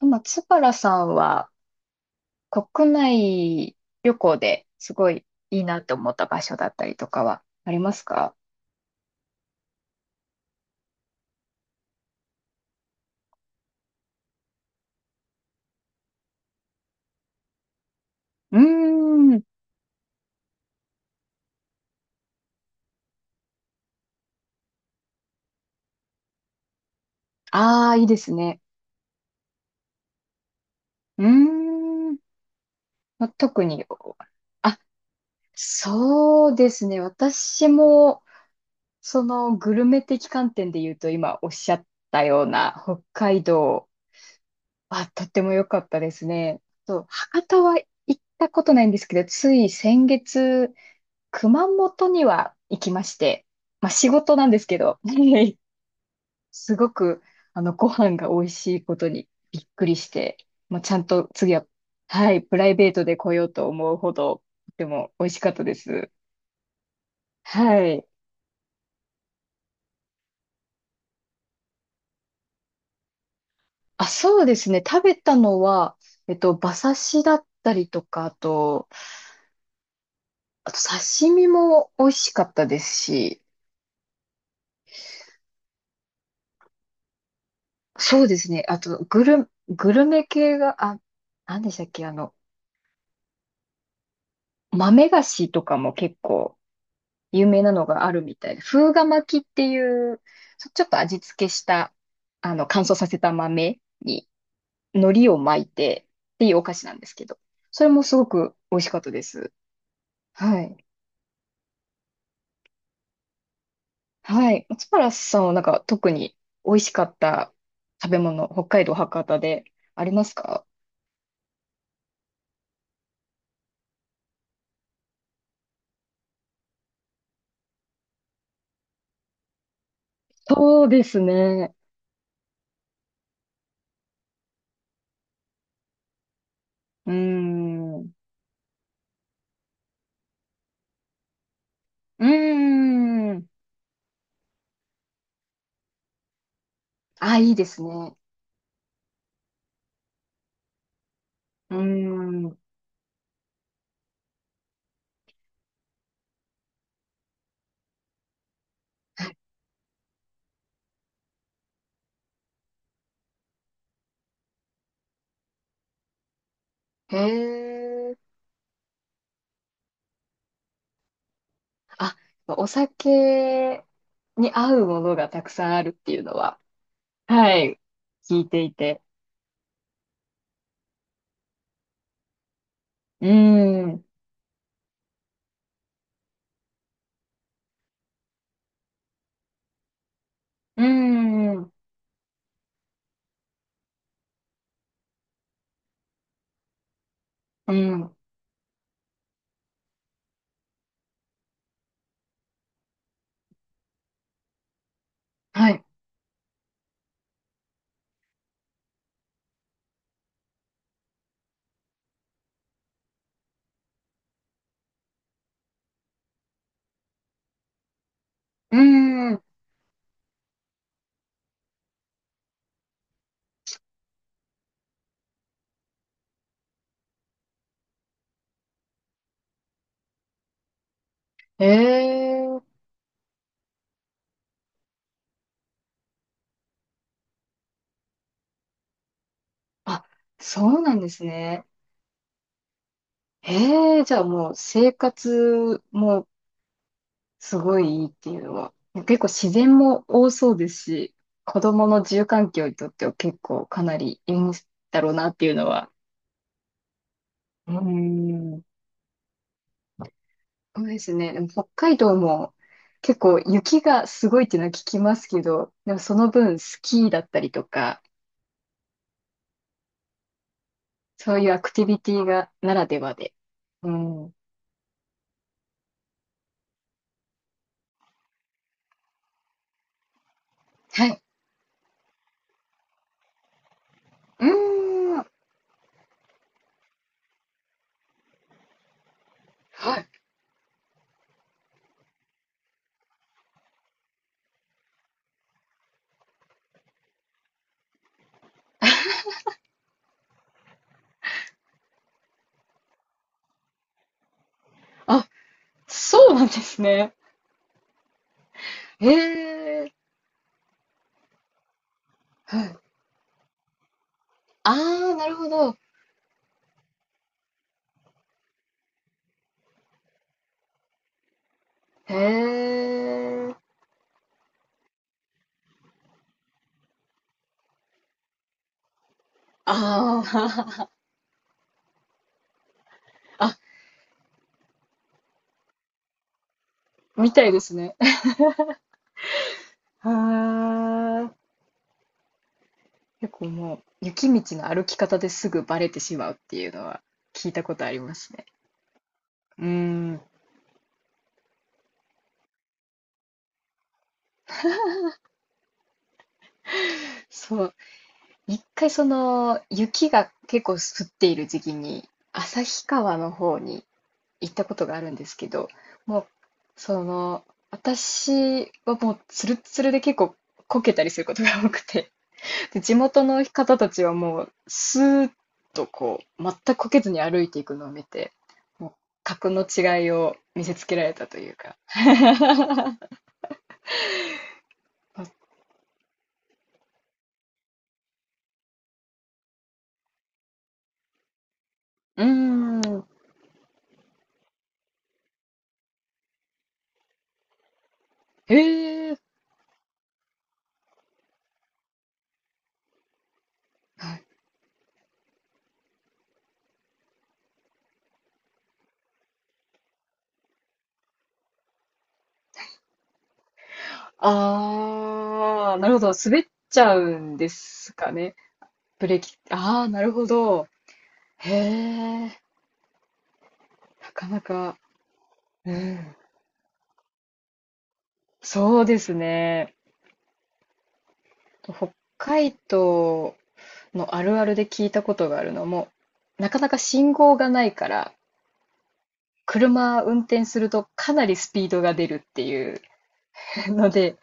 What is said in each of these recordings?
松原さんは国内旅行ですごいいいなと思った場所だったりとかはありますか？うーん。ああ、いいですね。うーん。ま特に、あ、そうですね。私も、そのグルメ的観点で言うと、今おっしゃったような北海道はとっても良かったですね。そう、博多は行ったことないんですけど、つい先月、熊本には行きまして、まあ仕事なんですけど、すごく、ご飯が美味しいことにびっくりして、もうちゃんと次は、はい、プライベートで来ようと思うほど、とても美味しかったです。はい。あ、そうですね。食べたのは、馬刺しだったりとか、あと刺身も美味しかったですし、そうですね。あと、グルメ系が、あ、何でしたっけ、豆菓子とかも結構有名なのがあるみたいで、風が巻きっていう、ちょっと味付けした、乾燥させた豆に海苔を巻いてっていうお菓子なんですけど、それもすごく美味しかったです。はい。はい。松原さんはなんか特に美味しかった食べ物、北海道博多でありますか？そうですね。うーん。うーん。あ、いいですね。うーん。へえ。あ、お酒に合うものがたくさんあるっていうのは、はい、聞いていて。うーん、うーん、うーん、はい、うーん、ええー、あ、そうなんですね。ええー、じゃあもう生活もすごいいいっていうのは、結構自然も多そうですし、子供の自由環境にとっては結構かなりいいんだろうなっていうのは。うーん、そうですね。でも北海道も結構雪がすごいっていうのは聞きますけど、でもその分スキーだったりとか、そういうアクティビティがならではで。うん。はい。うーん。はい。あ、そうなんですね。へえ。はい。ああ、なるほど。へえ。ああ、あ、みたいですね。はあ。結構もう雪道の歩き方ですぐバレてしまうっていうのは聞いたことありますね。うーん、そう、一回その雪が結構降っている時期に旭川の方に行ったことがあるんですけど、もうその私はもうツルッツルで結構こけたりすることが多くて、で地元の方たちはもうスーッとこう全くこけずに歩いていくのを見て、もう格の違いを見せつけられたというか。うーん、へえ。ああ、なるほど。滑っちゃうんですかね。ブレーキ。ああ、なるほど。へえ、なかなか。うん。そうですね。北海道のあるあるで聞いたことがあるのも、なかなか信号がないから、車運転するとかなりスピードが出るっていう ので、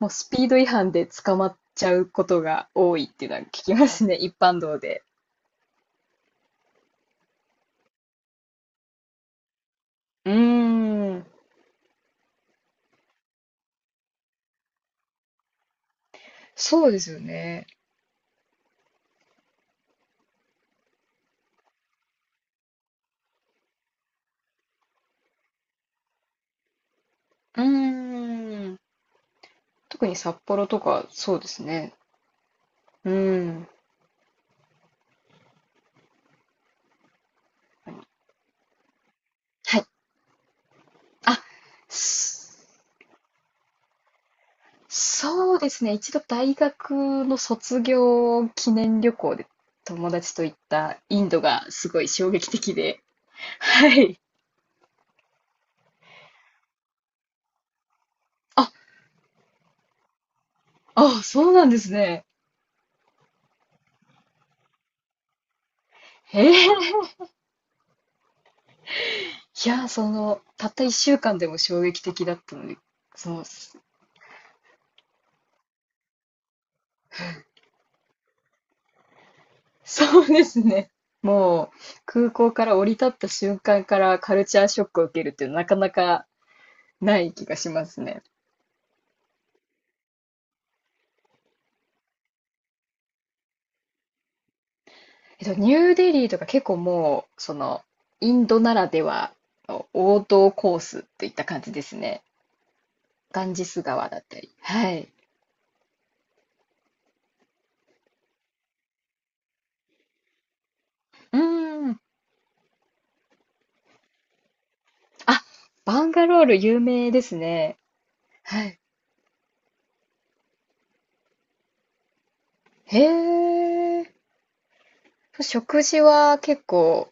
もうスピード違反で捕まっちゃうことが多いっていうのは聞きますね、一般道で。うーん。そうですよね。うーん。特に札幌とか、そうですね。うーん。はい。あ、そそうですね。一度大学の卒業記念旅行で友達と行ったインドがすごい衝撃的で。はい。あ、あ、そうなんですね。へえ。いや、たった一週間でも衝撃的だったので、その、そうですね。もう、空港から降り立った瞬間からカルチャーショックを受けるっていうのはなかなかない気がしますね。えっと、ニューデリーとか結構もう、その、インドならではの王道コースといった感じですね。ガンジス川だったり。はい。うーん。あ、バンガロール有名ですね。はい。へえ。食事は結構、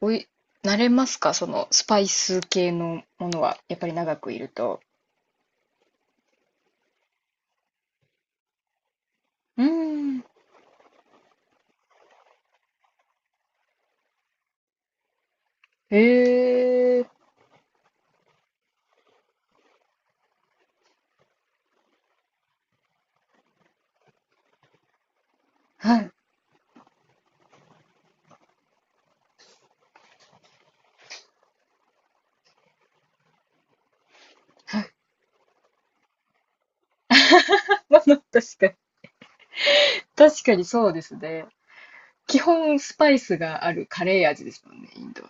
おい、慣れますか、そのスパイス系のものは、やっぱり長くいると。うーん。へえ。はい。はい。まあ、まあ確かに。確かにそうですね。基本スパイスがあるカレー味ですもんね、インド。